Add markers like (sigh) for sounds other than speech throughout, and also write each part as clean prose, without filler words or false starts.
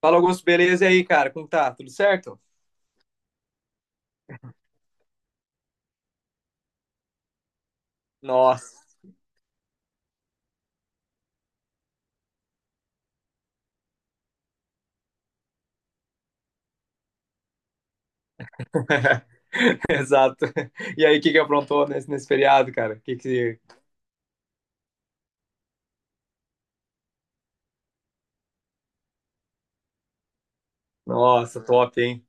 Fala, Augusto, beleza? E aí, cara, como tá? Tudo certo? Nossa, (laughs) exato. E aí, o que que aprontou nesse feriado, cara? Que... Nossa, top, hein?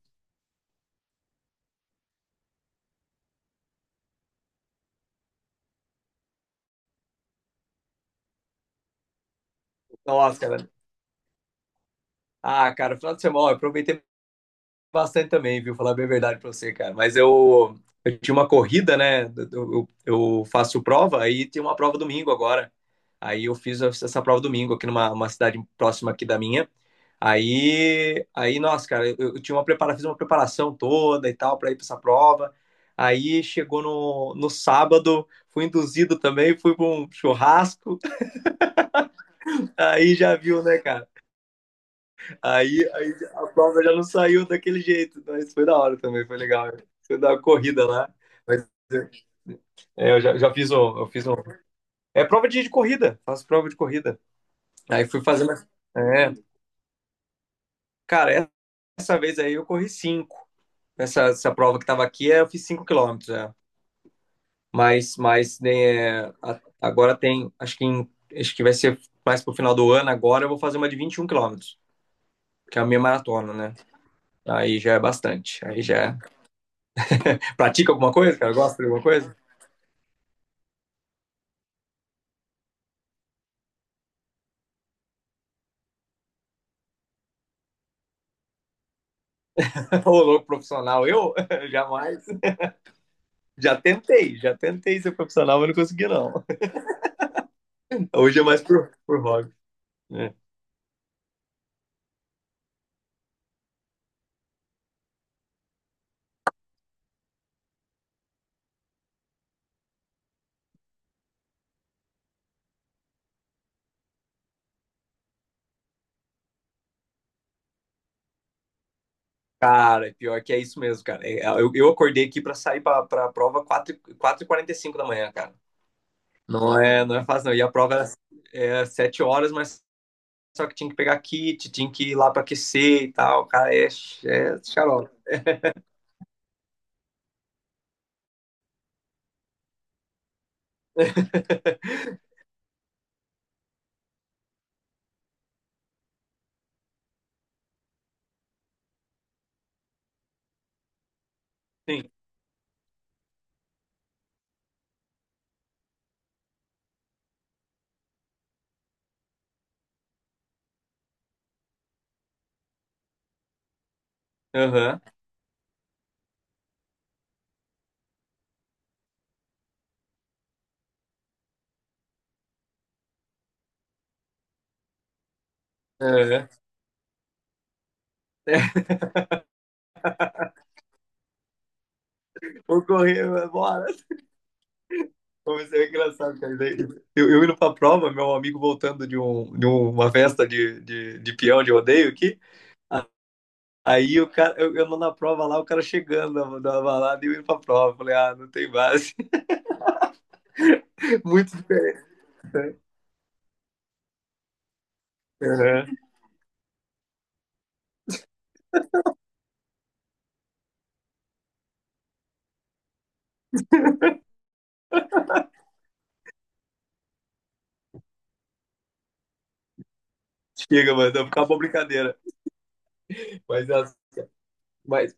Nossa, cara. Ah, cara, final de semana, ó, eu aproveitei bastante também, viu? Falar bem a verdade pra você, cara. Mas eu tinha uma corrida, né? Eu, eu- faço prova, aí tem uma prova domingo agora. Aí eu fiz essa prova domingo aqui numa uma cidade próxima aqui da minha. Aí, nossa, cara, eu tinha fiz uma preparação toda e tal pra ir pra essa prova. Aí chegou no sábado, fui induzido também, fui pra um churrasco. (laughs) Aí já viu, né, cara? Aí a prova já não saiu daquele jeito, mas foi da hora também, foi legal. Foi da corrida lá. Mas é, eu fiz um. É prova de corrida, faço prova de corrida. Aí fui fazer mais. É, cara, essa vez aí eu corri cinco. Essa prova que tava aqui, é, eu fiz 5 quilômetros, é. Mas, né, agora tem, acho que vai ser mais pro final do ano. Agora eu vou fazer uma de 21 quilômetros, que é a minha maratona, né? Aí já é bastante. Aí já é. Pratica alguma coisa, cara? Gosta de alguma coisa? Ô, louco profissional, eu (laughs) jamais. Já tentei ser profissional, mas não consegui, não. (laughs) Hoje é mais por hobby. Né? Cara, é pior que é isso mesmo, cara. Eu acordei aqui pra sair pra prova 4:45 da manhã, cara. Não é, não é fácil, não. E a prova era 7 horas, mas só que tinha que pegar kit, tinha que ir lá pra aquecer e tal. Cara, é xarope. Sim. Aham. Aham. (laughs) O correr, bora. Mas é engraçado, cara. Daí, eu indo pra prova, meu amigo voltando de uma festa de peão de rodeio aqui. a- Aí o cara, eu não na prova lá, o cara chegando da balada e eu indo pra prova. Falei, ah, não tem base. (laughs) Muito diferente. Né? Uhum. Chega, mano, acabou a brincadeira. Mas, as- mas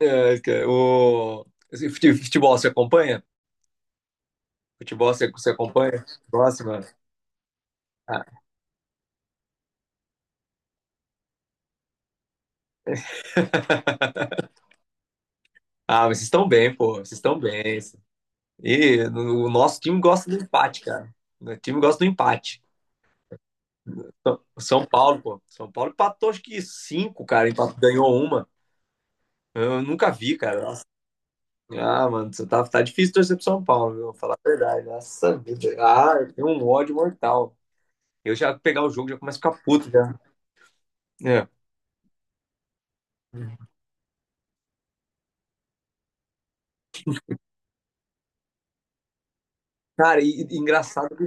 é, cara, futebol você acompanha? Futebol você acompanha? Gosta, mano? Ah, ah, mas vocês estão bem, pô. Vocês estão bem. E o nosso time gosta do empate, cara. O time gosta do empate. Então, São Paulo, pô. São Paulo empatou acho que cinco, cara. Empatou, ganhou uma. Eu nunca vi, cara. Nossa. Ah, mano, você tá difícil torcer pro São Paulo, viu? Vou falar a verdade. Nossa vida. Ah, eu tenho um ódio mortal. Eu já pegar o jogo, já começo a ficar puto já. É. Cara, e engraçado que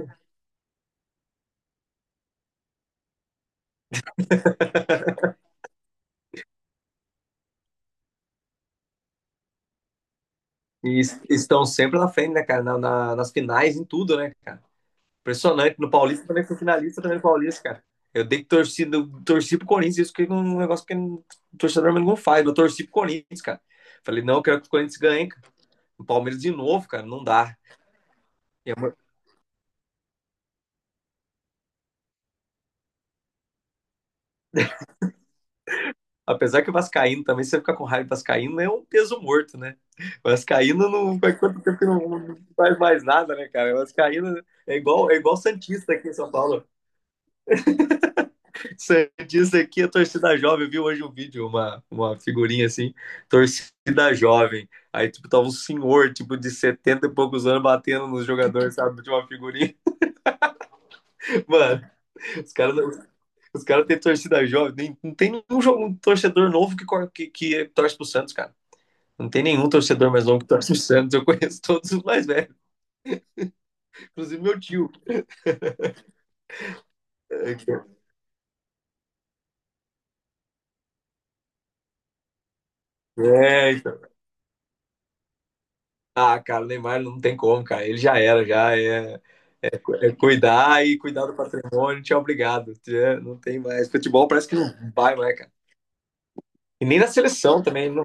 eles estão sempre na frente, né, cara? Nas finais, em tudo, né, cara? Impressionante. No Paulista também fui finalista também no Paulista, cara. Eu dei torcida, eu torci pro Corinthians, isso que é um negócio que o torcedor não faz. Eu torci pro Corinthians, cara. Falei, não, eu quero que o Corinthians ganhe, cara. O Palmeiras de novo, cara, não dá. é uma- apesar que o Vascaíno também, se você ficar com raiva do Vascaíno, é um peso morto, né? O Vascaíno não faz quanto tempo que não, não faz mais nada, né, cara? O Vascaíno é igual o Santista aqui em São Paulo. Você disse aqui a torcida jovem, eu vi hoje um vídeo, uma figurinha assim, torcida jovem. Aí, tipo, tava um senhor, tipo, de 70 e poucos anos batendo nos jogadores, sabe, de uma figurinha. (laughs) Mano, os caras os cara têm torcida jovem. Nem, não tem nenhum jogo, um torcedor novo que torce pro Santos, cara. Não tem nenhum torcedor mais novo que torce pro Santos. Eu conheço todos os mais velhos, inclusive meu tio. É, então. Ah, cara, o Neymar não tem como, cara. Ele já era, já é. É cuidar e cuidar do patrimônio, tchau, obrigado. Tchau. Não tem mais. Futebol parece que não vai mais, cara. E nem na seleção também. Não,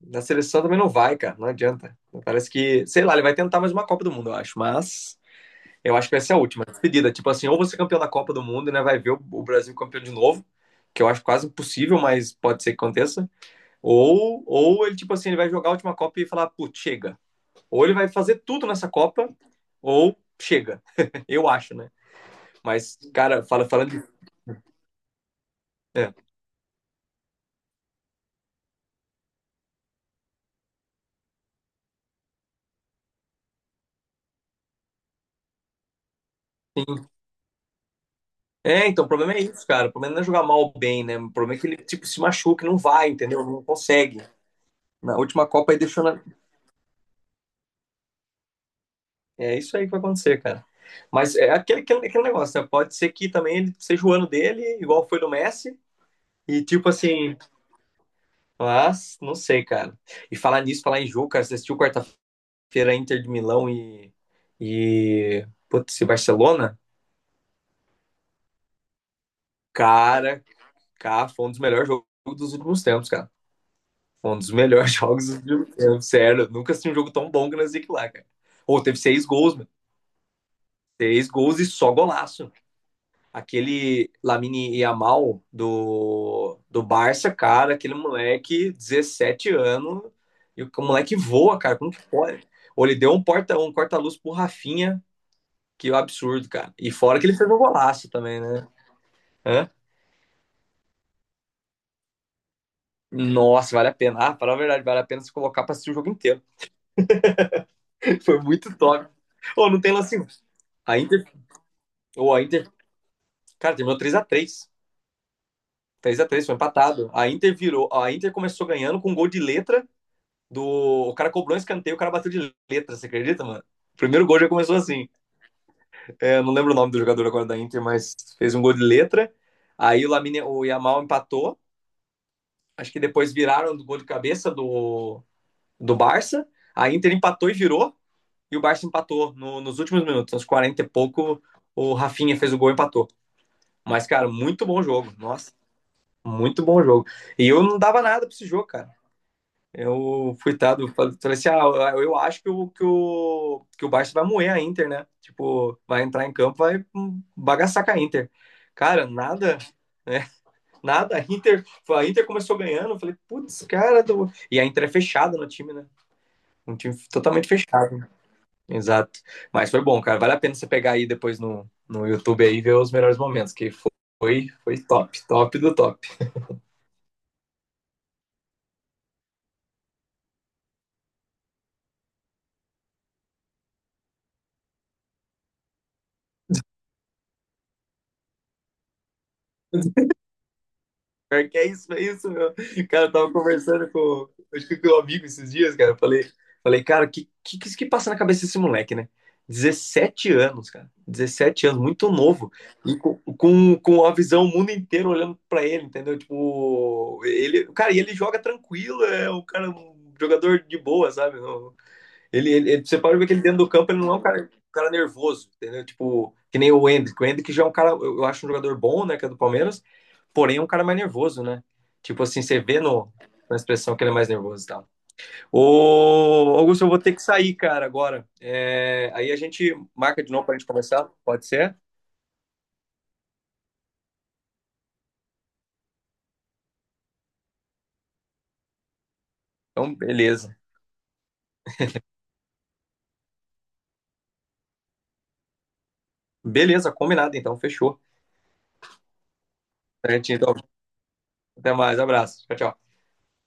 na seleção também não vai, cara. Não adianta. Parece que, sei lá, ele vai tentar mais uma Copa do Mundo, eu acho. Mas eu acho que vai ser a última despedida. Tipo assim, ou você é campeão da Copa do Mundo, e né? Vai ver o Brasil campeão de novo, que eu acho quase impossível, mas pode ser que aconteça. Ou ele, tipo assim, ele vai jogar a última Copa e falar, putz, chega. Ou ele vai fazer tudo nessa Copa, ou chega. (laughs) Eu acho, né? Mas, cara, falando de É, sim. É, então, o problema é isso, cara. O problema não é jogar mal ou bem, né? O problema é que ele, tipo, se machuca, e não vai, entendeu? Não consegue. Na última Copa ele deixou na... É isso aí que vai acontecer, cara. Mas é aquele, aquele, aquele negócio, né? Pode ser que também ele seja o ano dele, igual foi do Messi. E, tipo assim, mas não sei, cara. E falar nisso, falar em jogo, cara, você assistiu quarta-feira Inter de Milão e... Putz, e Barcelona? Cara, cá foi um dos melhores jogos dos últimos tempos, cara. Foi um dos melhores (laughs) jogos do filme. Eu, sério, nunca assisti um jogo tão bom que nós que lá, cara. Ou teve seis gols, mano. Seis gols e só golaço. Aquele Lamine Yamal do Barça, cara, aquele moleque, 17 anos, e o moleque voa, cara, como que pode? Ou ele deu um porta um corta-luz pro Rafinha, que absurdo, cara. E fora que ele fez um golaço também, né? Hã? Nossa, vale a pena. Ah, para a verdade, vale a pena se colocar pra assistir o jogo inteiro. (laughs) Foi muito top. Ou não tem lance. Ainda Ou a Inter, cara, terminou 3-3, foi empatado. A Inter virou, a Inter começou ganhando com um gol de letra do, o cara cobrou um escanteio, o cara bateu de letra, você acredita, mano? O primeiro gol já começou assim. É, não lembro o nome do jogador agora da Inter, mas fez um gol de letra. Aí o Lamine, o Yamal empatou. Acho que depois viraram do gol de cabeça do Barça. A Inter empatou e virou. E o Barça empatou nos últimos minutos, aos 40 e pouco. O Rafinha fez o gol e empatou. Mas, cara, muito bom jogo. Nossa. Muito bom jogo. E eu não dava nada pra esse jogo, cara. Eu, coitado, falei assim: ah, eu acho que o, Barça vai moer a Inter, né? Tipo, vai entrar em campo, vai bagaçar com a Inter. Cara, nada, né? Nada. A Inter começou ganhando, eu falei, putz, cara. E a Inter é fechada no time, né? Um time totalmente fechado. Exato. Mas foi bom, cara. Vale a pena você pegar aí depois no YouTube aí e ver os melhores momentos, que foi top, top do top. Pior que é isso, meu. Cara, eu tava conversando com, acho que com um amigo esses dias, cara. Eu falei, cara, que que isso que passa na cabeça desse moleque, né? 17 anos, cara. 17 anos, muito novo. E com a visão o mundo inteiro olhando pra ele, entendeu? Tipo, ele, cara, e ele joga tranquilo, é um cara, um jogador de boa, sabe? Não, ele você pode ver que ele dentro do campo ele não é um cara nervoso, entendeu? Tipo, que nem o Hendrick. O Hendrick já é um cara, eu acho um jogador bom, né, que é do Palmeiras, porém é um cara mais nervoso, né? Tipo assim, você vê no, na expressão que ele é mais nervoso e tal. Ô, Augusto, eu vou ter que sair, cara, agora. É, aí a gente marca de novo pra gente conversar, pode ser? Então, beleza. Beleza, combinado, então, fechou. Certinho, então, até mais, abraço. Tchau, tchau.